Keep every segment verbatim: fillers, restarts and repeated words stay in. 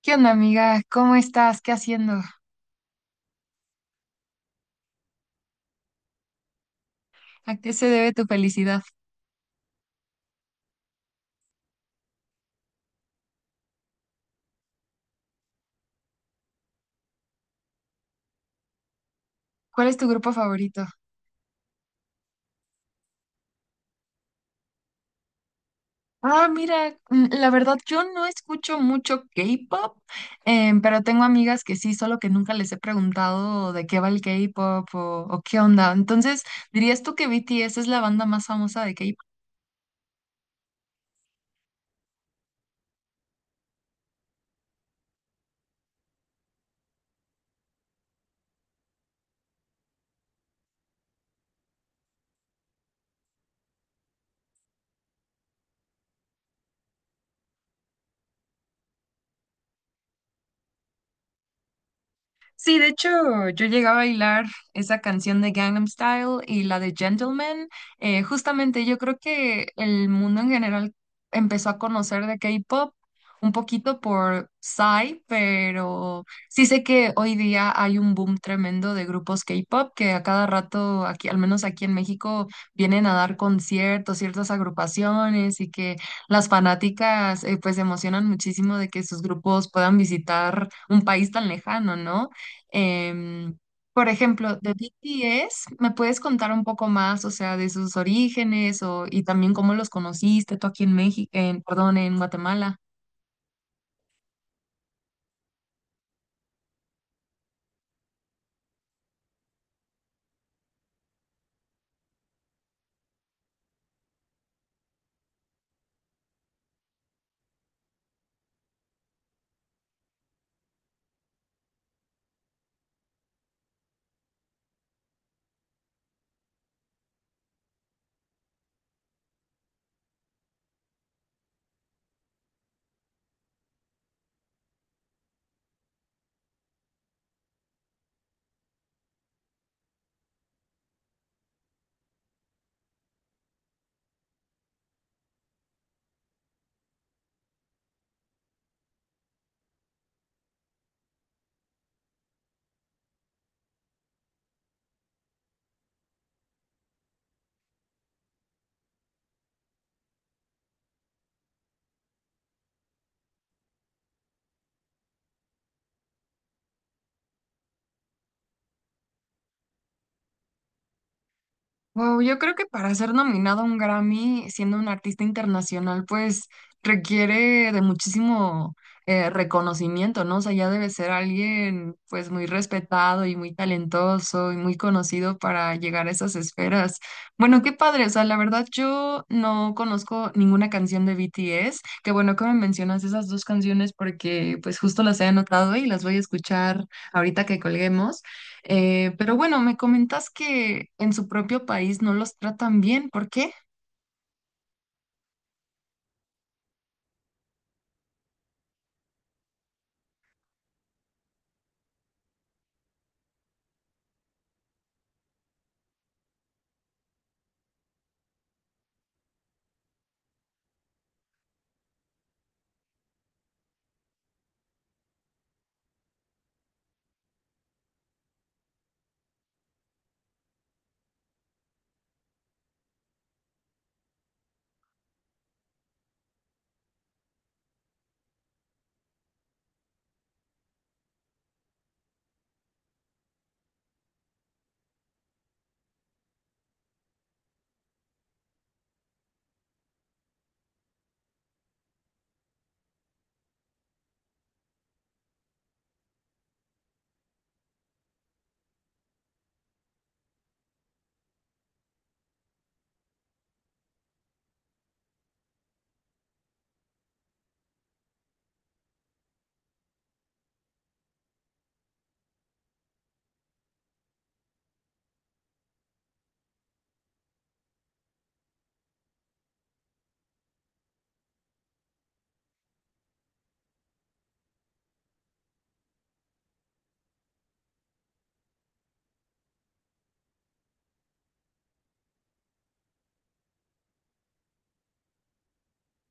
¿Qué onda, amiga? ¿Cómo estás? ¿Qué haciendo? ¿A qué se debe tu felicidad? ¿Cuál es tu grupo favorito? Ah, mira, mm, la verdad yo no escucho mucho K-pop, em, pero tengo amigas que sí, solo que nunca les he preguntado de qué va el K-pop o, o qué onda. Entonces, ¿dirías tú que B T S es la banda más famosa de K-pop? Sí, de hecho, yo llegué a bailar esa canción de Gangnam Style y la de Gentleman. Eh, justamente yo creo que el mundo en general empezó a conocer de K-pop un poquito por Psy, pero sí sé que hoy día hay un boom tremendo de grupos K-pop que a cada rato, aquí, al menos aquí en México, vienen a dar conciertos, ciertas agrupaciones y que las fanáticas eh, pues se emocionan muchísimo de que sus grupos puedan visitar un país tan lejano, ¿no? Em, por ejemplo, de B T S, ¿me puedes contar un poco más, o sea, de sus orígenes o, y también cómo los conociste tú aquí en México, en, perdón, en Guatemala? Wow, yo creo que para ser nominado a un Grammy siendo un artista internacional, pues requiere de muchísimo eh, reconocimiento, ¿no? O sea, ya debe ser alguien pues muy respetado y muy talentoso y muy conocido para llegar a esas esferas. Bueno, qué padre, o sea, la verdad yo no conozco ninguna canción de B T S. Qué bueno que me mencionas esas dos canciones porque pues justo las he anotado y las voy a escuchar ahorita que colguemos. Eh, pero bueno, me comentas que en su propio país no los tratan bien, ¿por qué?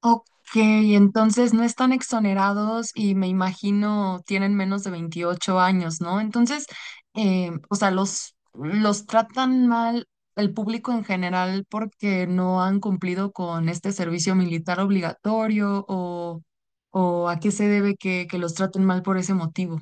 Ok, entonces no están exonerados y me imagino tienen menos de veintiocho años, ¿no? Entonces, eh, o sea, los, los tratan mal el público en general porque no han cumplido con este servicio militar obligatorio o, o a qué se debe que, que los traten mal por ese motivo.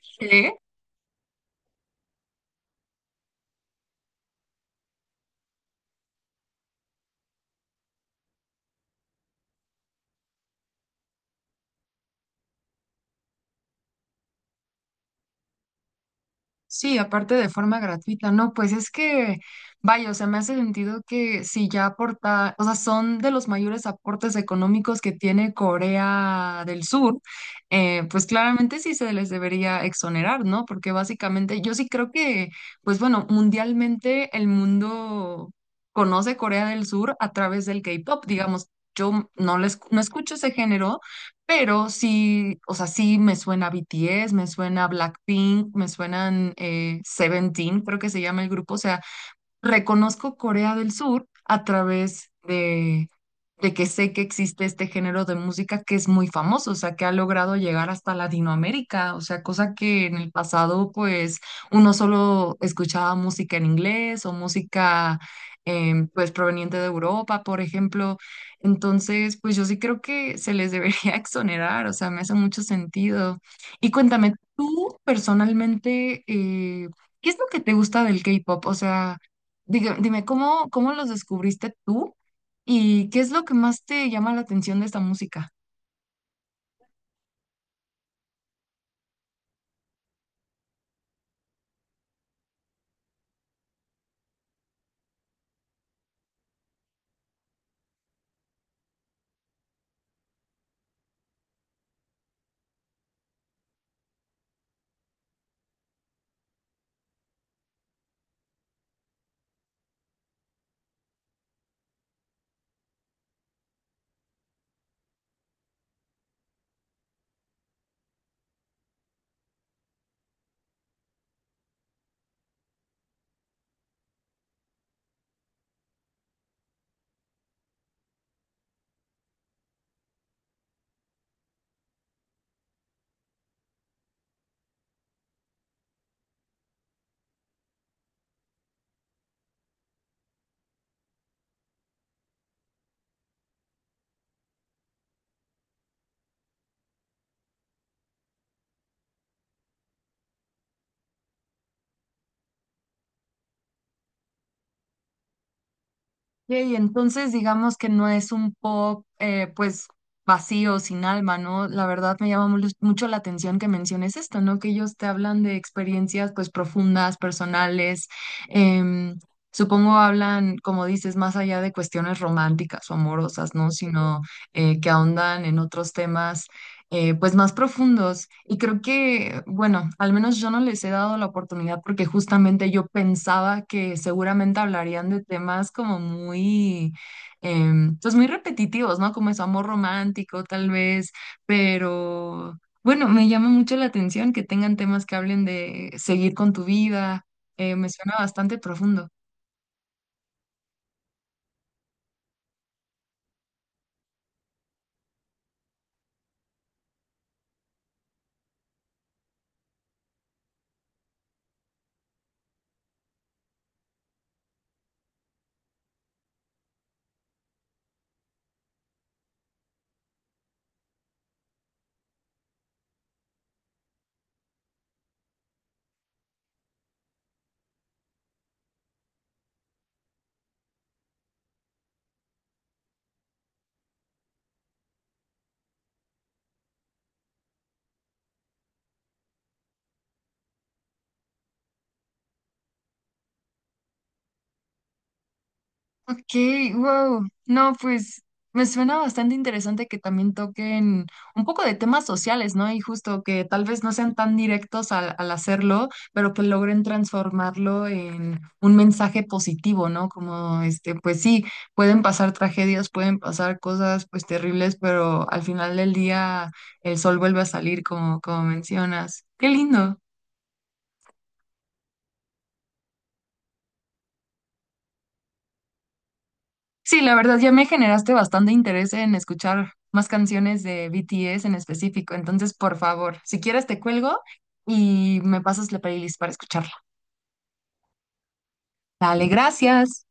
¿Sí? Sí, aparte de forma gratuita, no, pues es que, vaya, o sea, me hace sentido que si ya aporta, o sea, son de los mayores aportes económicos que tiene Corea del Sur, eh, pues claramente sí se les debería exonerar, ¿no? Porque básicamente yo sí creo que, pues bueno, mundialmente el mundo conoce Corea del Sur a través del K-pop, digamos. Yo no les, no escucho ese género, pero sí, o sea, sí me suena B T S, me suena Blackpink, me suenan eh, Seventeen, creo que se llama el grupo. O sea, reconozco Corea del Sur a través de, de que sé que existe este género de música que es muy famoso, o sea, que ha logrado llegar hasta Latinoamérica, o sea, cosa que en el pasado pues uno solo escuchaba música en inglés o música em, pues proveniente de Europa, por ejemplo. Entonces, pues yo sí creo que se les debería exonerar, o sea, me hace mucho sentido. Y cuéntame, tú personalmente, eh, ¿qué es lo que te gusta del K-pop? O sea... Diga- Dime, ¿cómo, cómo los descubriste tú y qué es lo que más te llama la atención de esta música? Y entonces digamos que no es un pop eh, pues vacío, sin alma, ¿no? La verdad me llama mu- mucho la atención que menciones esto, ¿no? Que ellos te hablan de experiencias pues profundas, personales, em, supongo hablan, como dices, más allá de cuestiones románticas o amorosas, ¿no? Sino eh, que ahondan en otros temas eh, pues más profundos. Y creo que, bueno, al menos yo no les he dado la oportunidad porque justamente yo pensaba que seguramente hablarían de temas como muy, em, pues muy repetitivos, ¿no? Como eso, amor romántico tal vez, pero bueno, me llama mucho la atención que tengan temas que hablen de seguir con tu vida. Eh, me suena bastante profundo. Ok, wow. No, pues me suena bastante interesante que también toquen un poco de temas sociales, ¿no? Y justo que tal vez no sean tan directos al, al hacerlo, pero que logren transformarlo en un mensaje positivo, ¿no? Como este, pues sí, pueden pasar tragedias, pueden pasar cosas pues terribles, pero al final del día el sol vuelve a salir, como, como mencionas. Qué lindo. Sí, la verdad ya me generaste bastante interés en escuchar más canciones de B T S en específico. Entonces, por favor, si quieres te cuelgo y me pasas la playlist para escucharla. Dale, gracias.